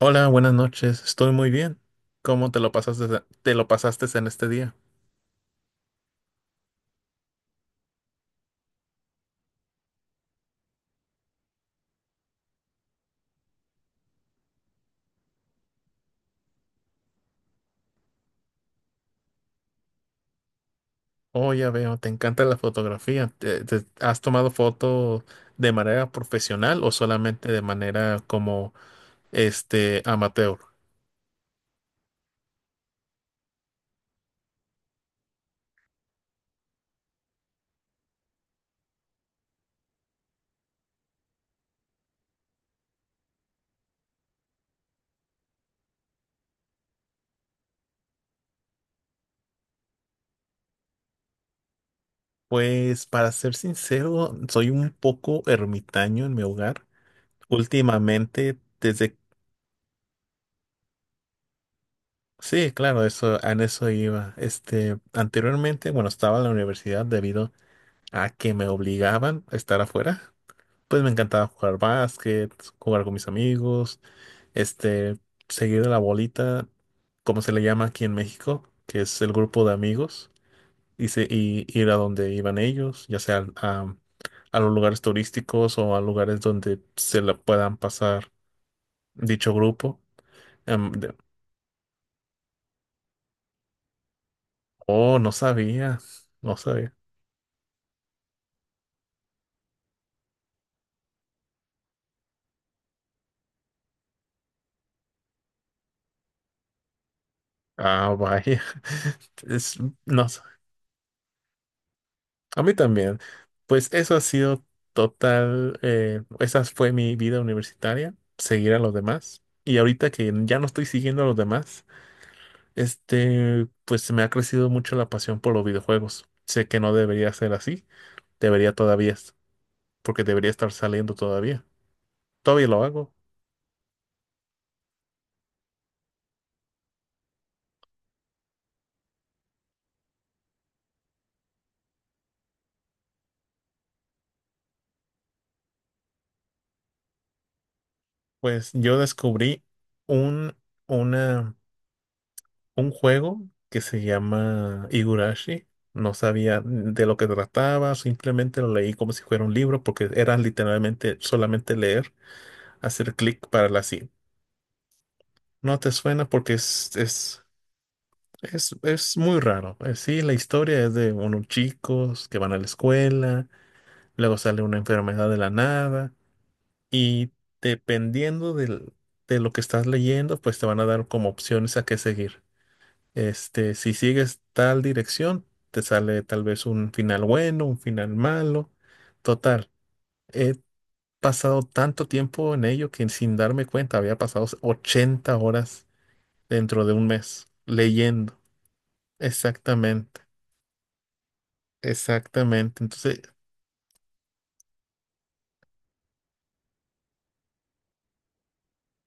Hola, buenas noches. Estoy muy bien. ¿Cómo te lo pasaste en este día? Oh, ya veo, te encanta la fotografía. Has tomado fotos de manera profesional o solamente de manera como este amateur? Pues para ser sincero, soy un poco ermitaño en mi hogar. Últimamente, desde. Sí, claro, eso, en eso iba. Anteriormente, bueno, estaba en la universidad debido a que me obligaban a estar afuera. Pues me encantaba jugar básquet, jugar con mis amigos, este, seguir a la bolita, como se le llama aquí en México, que es el grupo de amigos, y ir a donde iban ellos, ya sea a los lugares turísticos o a lugares donde se la puedan pasar dicho grupo. Em, de- oh, no sabía, no sabía. Ah, vaya. Es- no. A mí también. Pues eso ha sido total. Esa fue mi vida universitaria, seguir a los demás. Y ahorita que ya no estoy siguiendo a los demás, pues se me ha crecido mucho la pasión por los videojuegos. Sé que no debería ser así, debería todavía, porque debería estar saliendo todavía. Todavía lo hago. Pues yo descubrí un, un juego que se llama Higurashi. No sabía de lo que trataba, simplemente lo leí como si fuera un libro, porque era literalmente solamente leer, hacer clic para la sí. No te suena porque es muy raro. Sí, la historia es de unos chicos que van a la escuela, luego sale una enfermedad de la nada, y dependiendo de lo que estás leyendo, pues te van a dar como opciones a qué seguir. Si sigues tal dirección, te sale tal vez un final bueno, un final malo. Total, he pasado tanto tiempo en ello que sin darme cuenta había pasado 80 horas dentro de un mes leyendo. Exactamente, exactamente. Entonces,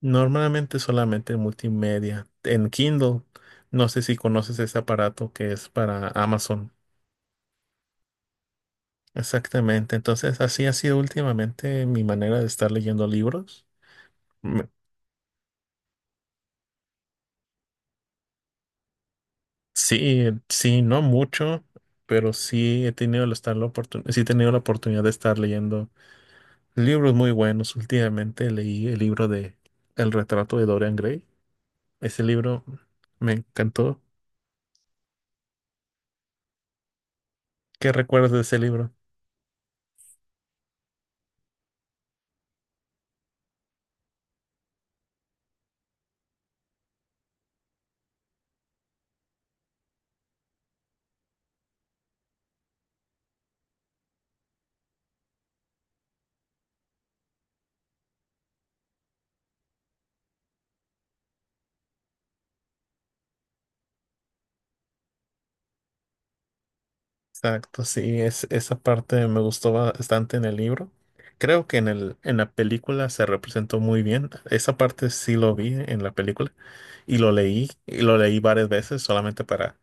normalmente solamente en multimedia, en Kindle. No sé si conoces ese aparato que es para Amazon. Exactamente. Entonces, así ha sido últimamente mi manera de estar leyendo libros. Sí, sí, no mucho, pero sí he tenido la oportunidad de estar leyendo libros muy buenos. Últimamente leí el libro de El retrato de Dorian Gray. Ese libro me encantó. ¿Qué recuerdas de ese libro? Exacto, sí, esa parte me gustó bastante en el libro. Creo que en la película se representó muy bien. Esa parte sí lo vi en la película y lo leí, varias veces solamente para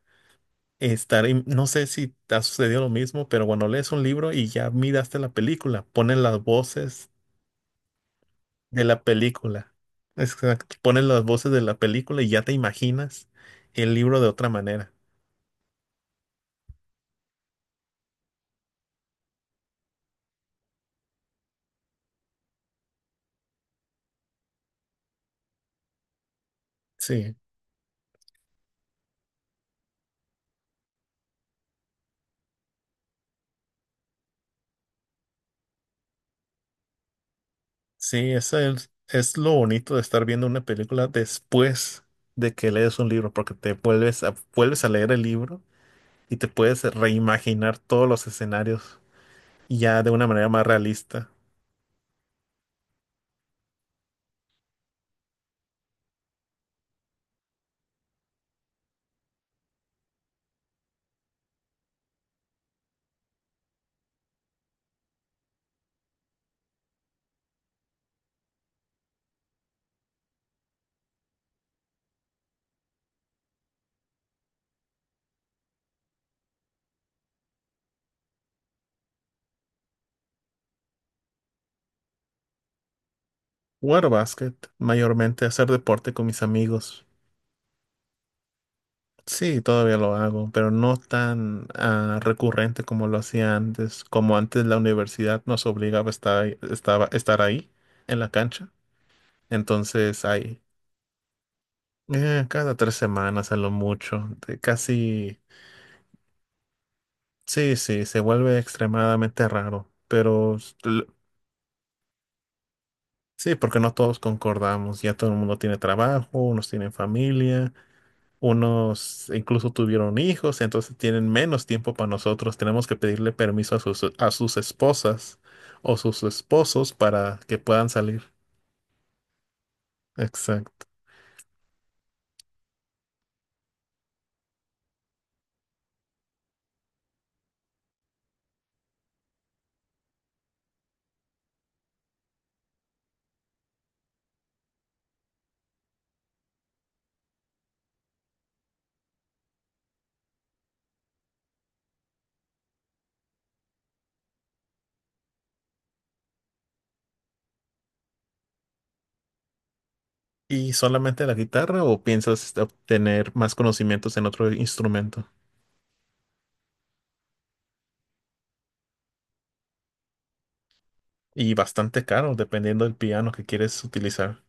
no sé si te ha sucedido lo mismo, pero cuando lees un libro y ya miraste la película, ponen las voces de la película. Exacto, ponen las voces de la película y ya te imaginas el libro de otra manera. Sí, sí, eso es lo bonito de estar viendo una película después de que lees un libro, porque vuelves a leer el libro y te puedes reimaginar todos los escenarios ya de una manera más realista. Jugar básquet, mayormente hacer deporte con mis amigos. Sí, todavía lo hago, pero no tan recurrente como lo hacía antes. Como antes la universidad nos obligaba a estar ahí en la cancha. Entonces, ahí, cada 3 semanas a lo mucho. De Casi, sí, sí, se vuelve extremadamente raro. Pero sí, porque no todos concordamos. Ya todo el mundo tiene trabajo, unos tienen familia. Unos incluso tuvieron hijos, entonces tienen menos tiempo para nosotros. Tenemos que pedirle permiso a sus esposas o sus esposos para que puedan salir. Exacto. ¿Y solamente la guitarra o piensas obtener más conocimientos en otro instrumento? Y bastante caro, dependiendo del piano que quieres utilizar.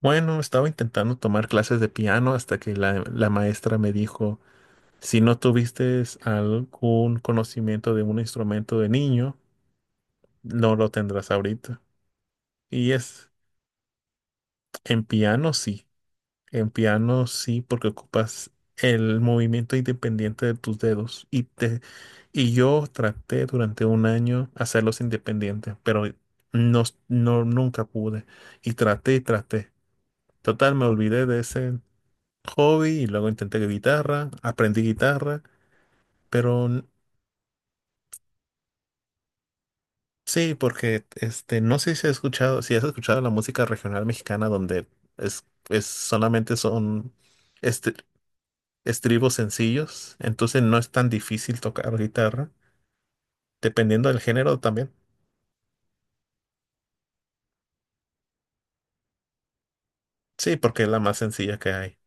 Bueno, estaba intentando tomar clases de piano hasta que la maestra me dijo, si no tuviste algún conocimiento de un instrumento de niño, no lo tendrás ahorita. Y es en piano sí, en piano sí, porque ocupas el movimiento independiente de tus dedos. Y yo traté durante un año hacerlos independientes, pero no, no, nunca pude. Y traté y traté. Total, me olvidé de ese hobby y luego intenté guitarra, aprendí guitarra, pero sí, porque no sé si has escuchado, la música regional mexicana donde es solamente son. este, Estribos sencillos, entonces no es tan difícil tocar guitarra, dependiendo del género también. Sí, porque es la más sencilla que hay.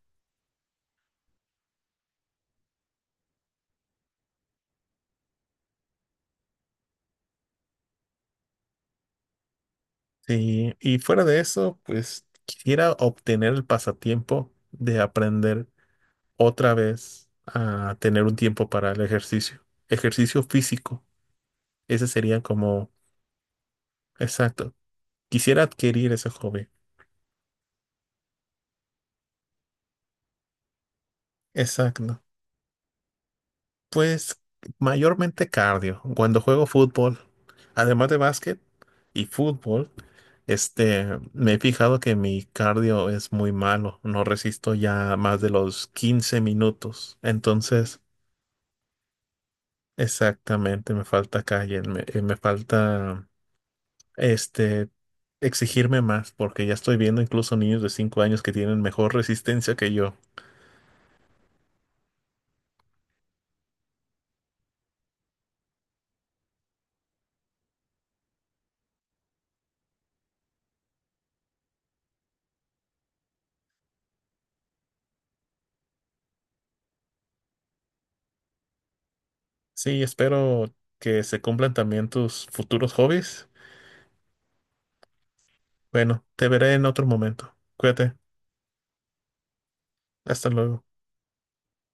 Sí, y fuera de eso, pues quisiera obtener el pasatiempo de aprender otra vez a tener un tiempo para el ejercicio, ejercicio físico. Ese sería como, exacto, quisiera adquirir ese hobby. Exacto. Pues mayormente cardio. Cuando juego fútbol, además de básquet y fútbol, este, me he fijado que mi cardio es muy malo. No resisto ya más de los 15 minutos. Entonces, exactamente, me falta calle, me falta, este, exigirme más, porque ya estoy viendo incluso niños de 5 años que tienen mejor resistencia que yo. Sí, espero que se cumplan también tus futuros hobbies. Bueno, te veré en otro momento. Cuídate. Hasta luego.